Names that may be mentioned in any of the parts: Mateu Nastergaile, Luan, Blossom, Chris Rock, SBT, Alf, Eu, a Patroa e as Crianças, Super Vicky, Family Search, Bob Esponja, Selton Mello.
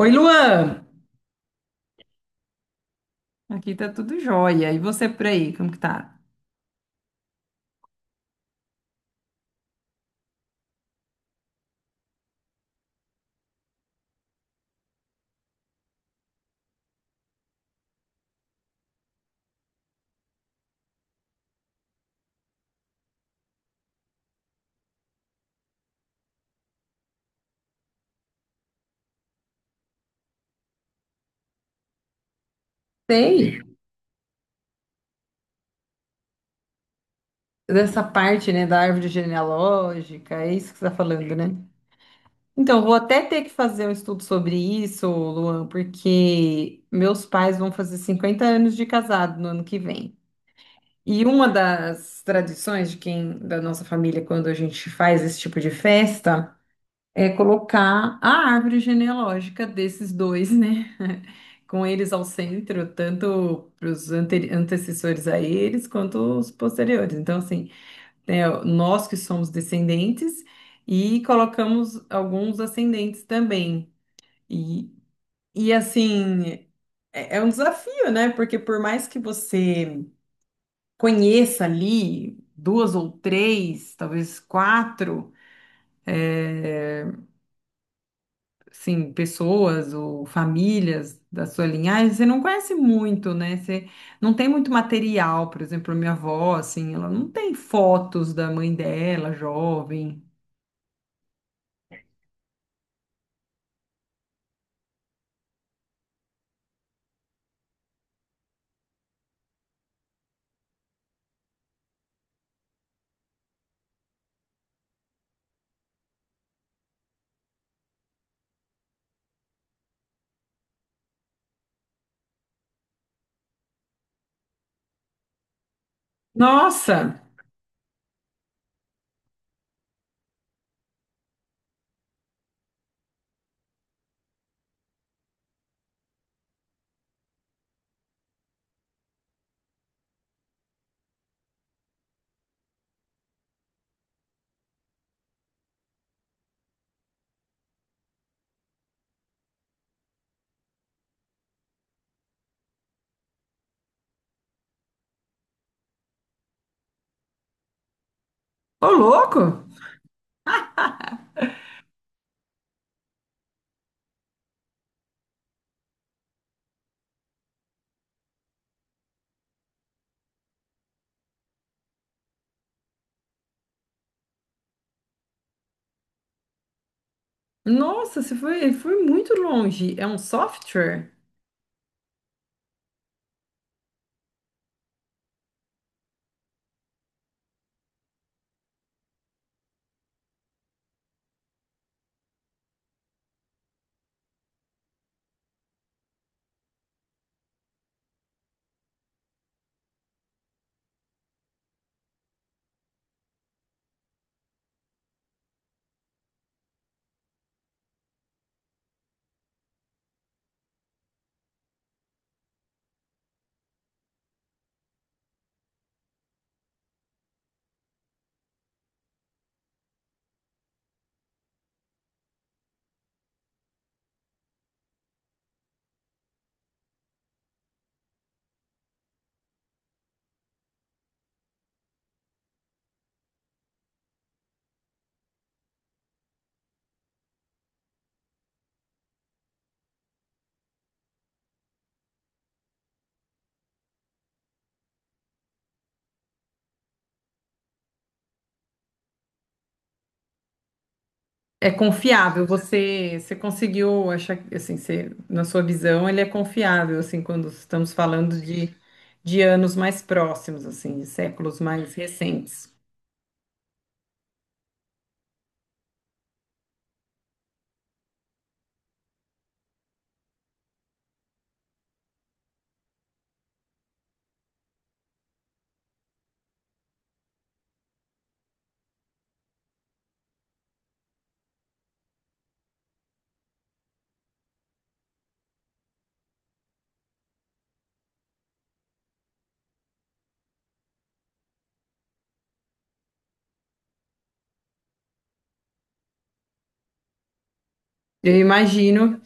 Oi, Luan! Aqui tá tudo jóia. E você por aí, como que tá? Sei dessa parte, né, da árvore genealógica, é isso que você está falando, né? Então, vou até ter que fazer um estudo sobre isso, Luan, porque meus pais vão fazer 50 anos de casado no ano que vem. E uma das tradições de quem, da nossa família, quando a gente faz esse tipo de festa, é colocar a árvore genealógica desses dois, né? Com eles ao centro, tanto para os antecessores a eles quanto os posteriores. Então, assim, né, nós que somos descendentes e colocamos alguns ascendentes também. E, e assim, é um desafio, né? Porque por mais que você conheça ali duas ou três, talvez quatro, é, assim, pessoas ou famílias da sua linhagem, você não conhece muito, né? Você não tem muito material, por exemplo, a minha avó, assim, ela não tem fotos da mãe dela, jovem. Nossa, ô louco! Nossa, você foi, foi muito longe. É um software? É confiável? Você, você conseguiu achar, assim, você, na sua visão, ele é confiável, assim, quando estamos falando de anos mais próximos, assim, de séculos mais recentes. Eu imagino.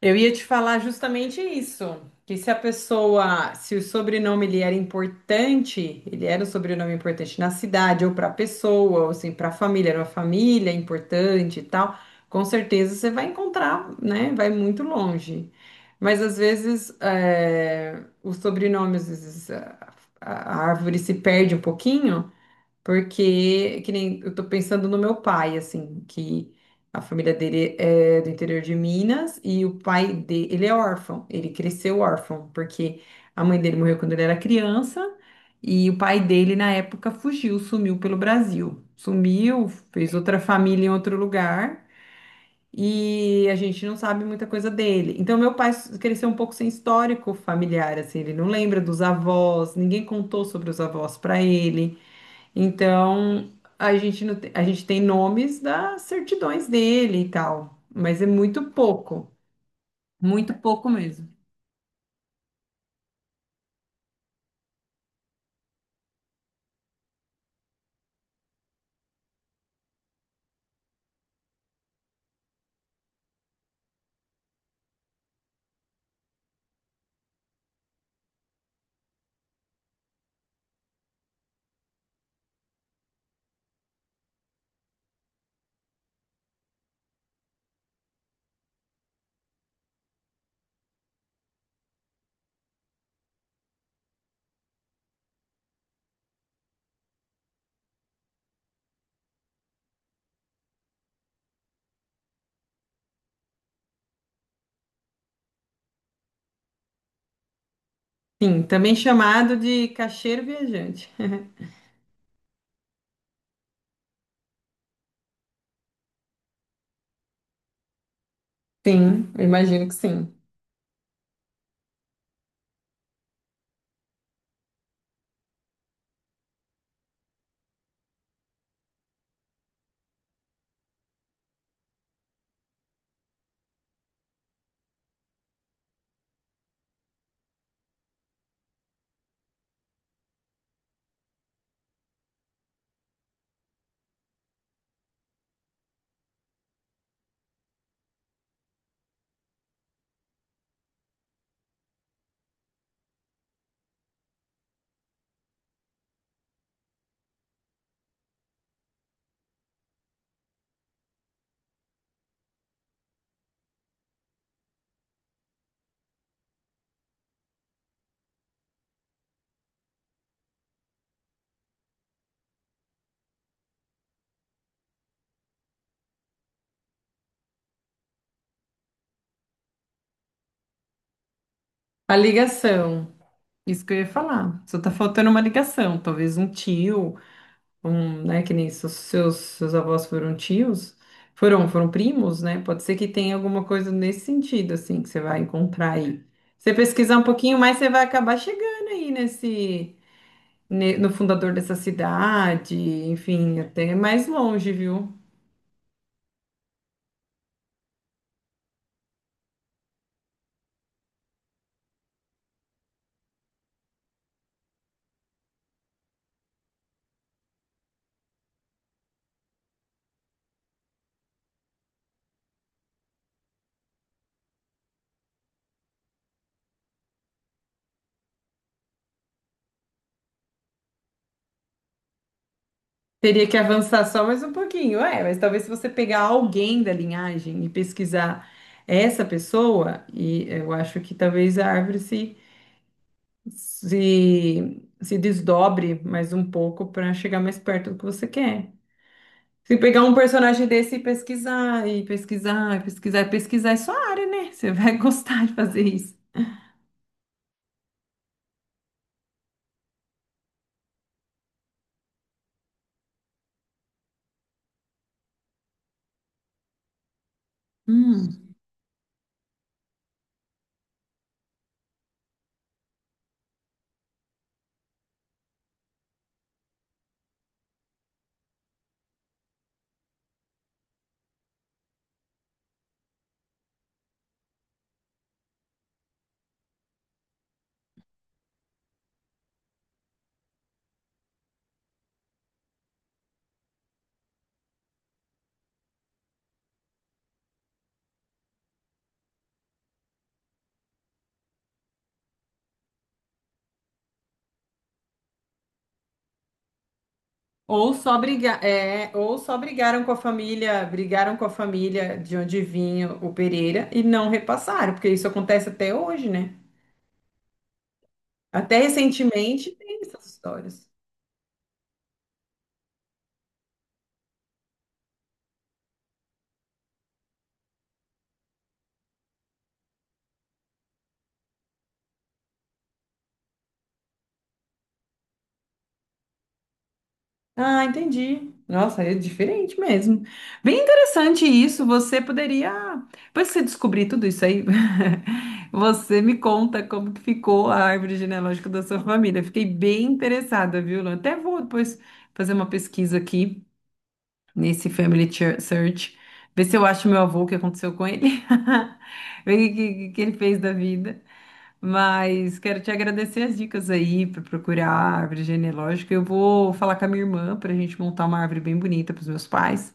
Eu ia te falar justamente isso, que se a pessoa, se o sobrenome ele era importante, ele era um sobrenome importante na cidade ou para a pessoa, ou assim, para a família, era uma família importante e tal, com certeza você vai encontrar, né? Vai muito longe. Mas às vezes é, o sobrenome, às vezes a árvore se perde um pouquinho, porque, que nem eu tô pensando no meu pai, assim, que a família dele é do interior de Minas e o pai dele, ele é órfão, ele cresceu órfão, porque a mãe dele morreu quando ele era criança e o pai dele, na época, fugiu, sumiu pelo Brasil. Sumiu, fez outra família em outro lugar e a gente não sabe muita coisa dele. Então, meu pai cresceu um pouco sem histórico familiar, assim, ele não lembra dos avós, ninguém contou sobre os avós para ele. Então, a gente, não tem, a gente tem nomes das certidões dele e tal, mas é muito pouco mesmo. Sim, também chamado de caixeiro viajante. Sim, eu imagino que sim. A ligação, isso que eu ia falar. Só tá faltando uma ligação, talvez um tio, um, né, que nem seus avós foram tios, foram primos, né? Pode ser que tenha alguma coisa nesse sentido, assim, que você vai encontrar aí. Você pesquisar um pouquinho mais, você vai acabar chegando aí nesse, no fundador dessa cidade, enfim, até mais longe, viu? Teria que avançar só mais um pouquinho, é, mas talvez se você pegar alguém da linhagem e pesquisar essa pessoa, e eu acho que talvez a árvore se se desdobre mais um pouco para chegar mais perto do que você quer. Se pegar um personagem desse e pesquisar, e pesquisar, e pesquisar, e pesquisar, é sua área, né? Você vai gostar de fazer isso. Hum. Ou só brigar, é, ou só brigaram com a família, brigaram com a família de onde vinha o Pereira e não repassaram, porque isso acontece até hoje, né? Até recentemente tem essas histórias. Ah, entendi. Nossa, é diferente mesmo. Bem interessante isso. Você poderia, depois que você descobrir tudo isso aí, você me conta como que ficou a árvore genealógica da sua família. Fiquei bem interessada, viu? Lu? Até vou depois fazer uma pesquisa aqui nesse Family Search, ver se eu acho meu avô, o que aconteceu com ele, ver o que que ele fez da vida. Mas quero te agradecer as dicas aí para procurar a árvore genealógica. Eu vou falar com a minha irmã para a gente montar uma árvore bem bonita para os meus pais.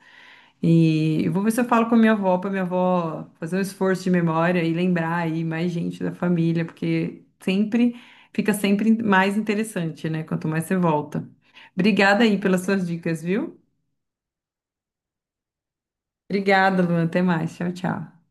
E eu vou ver se eu falo com a minha avó, para minha avó fazer um esforço de memória e lembrar aí mais gente da família, porque sempre fica sempre mais interessante, né? Quanto mais você volta. Obrigada aí pelas suas dicas, viu? Obrigada, Luan. Até mais. Tchau, tchau.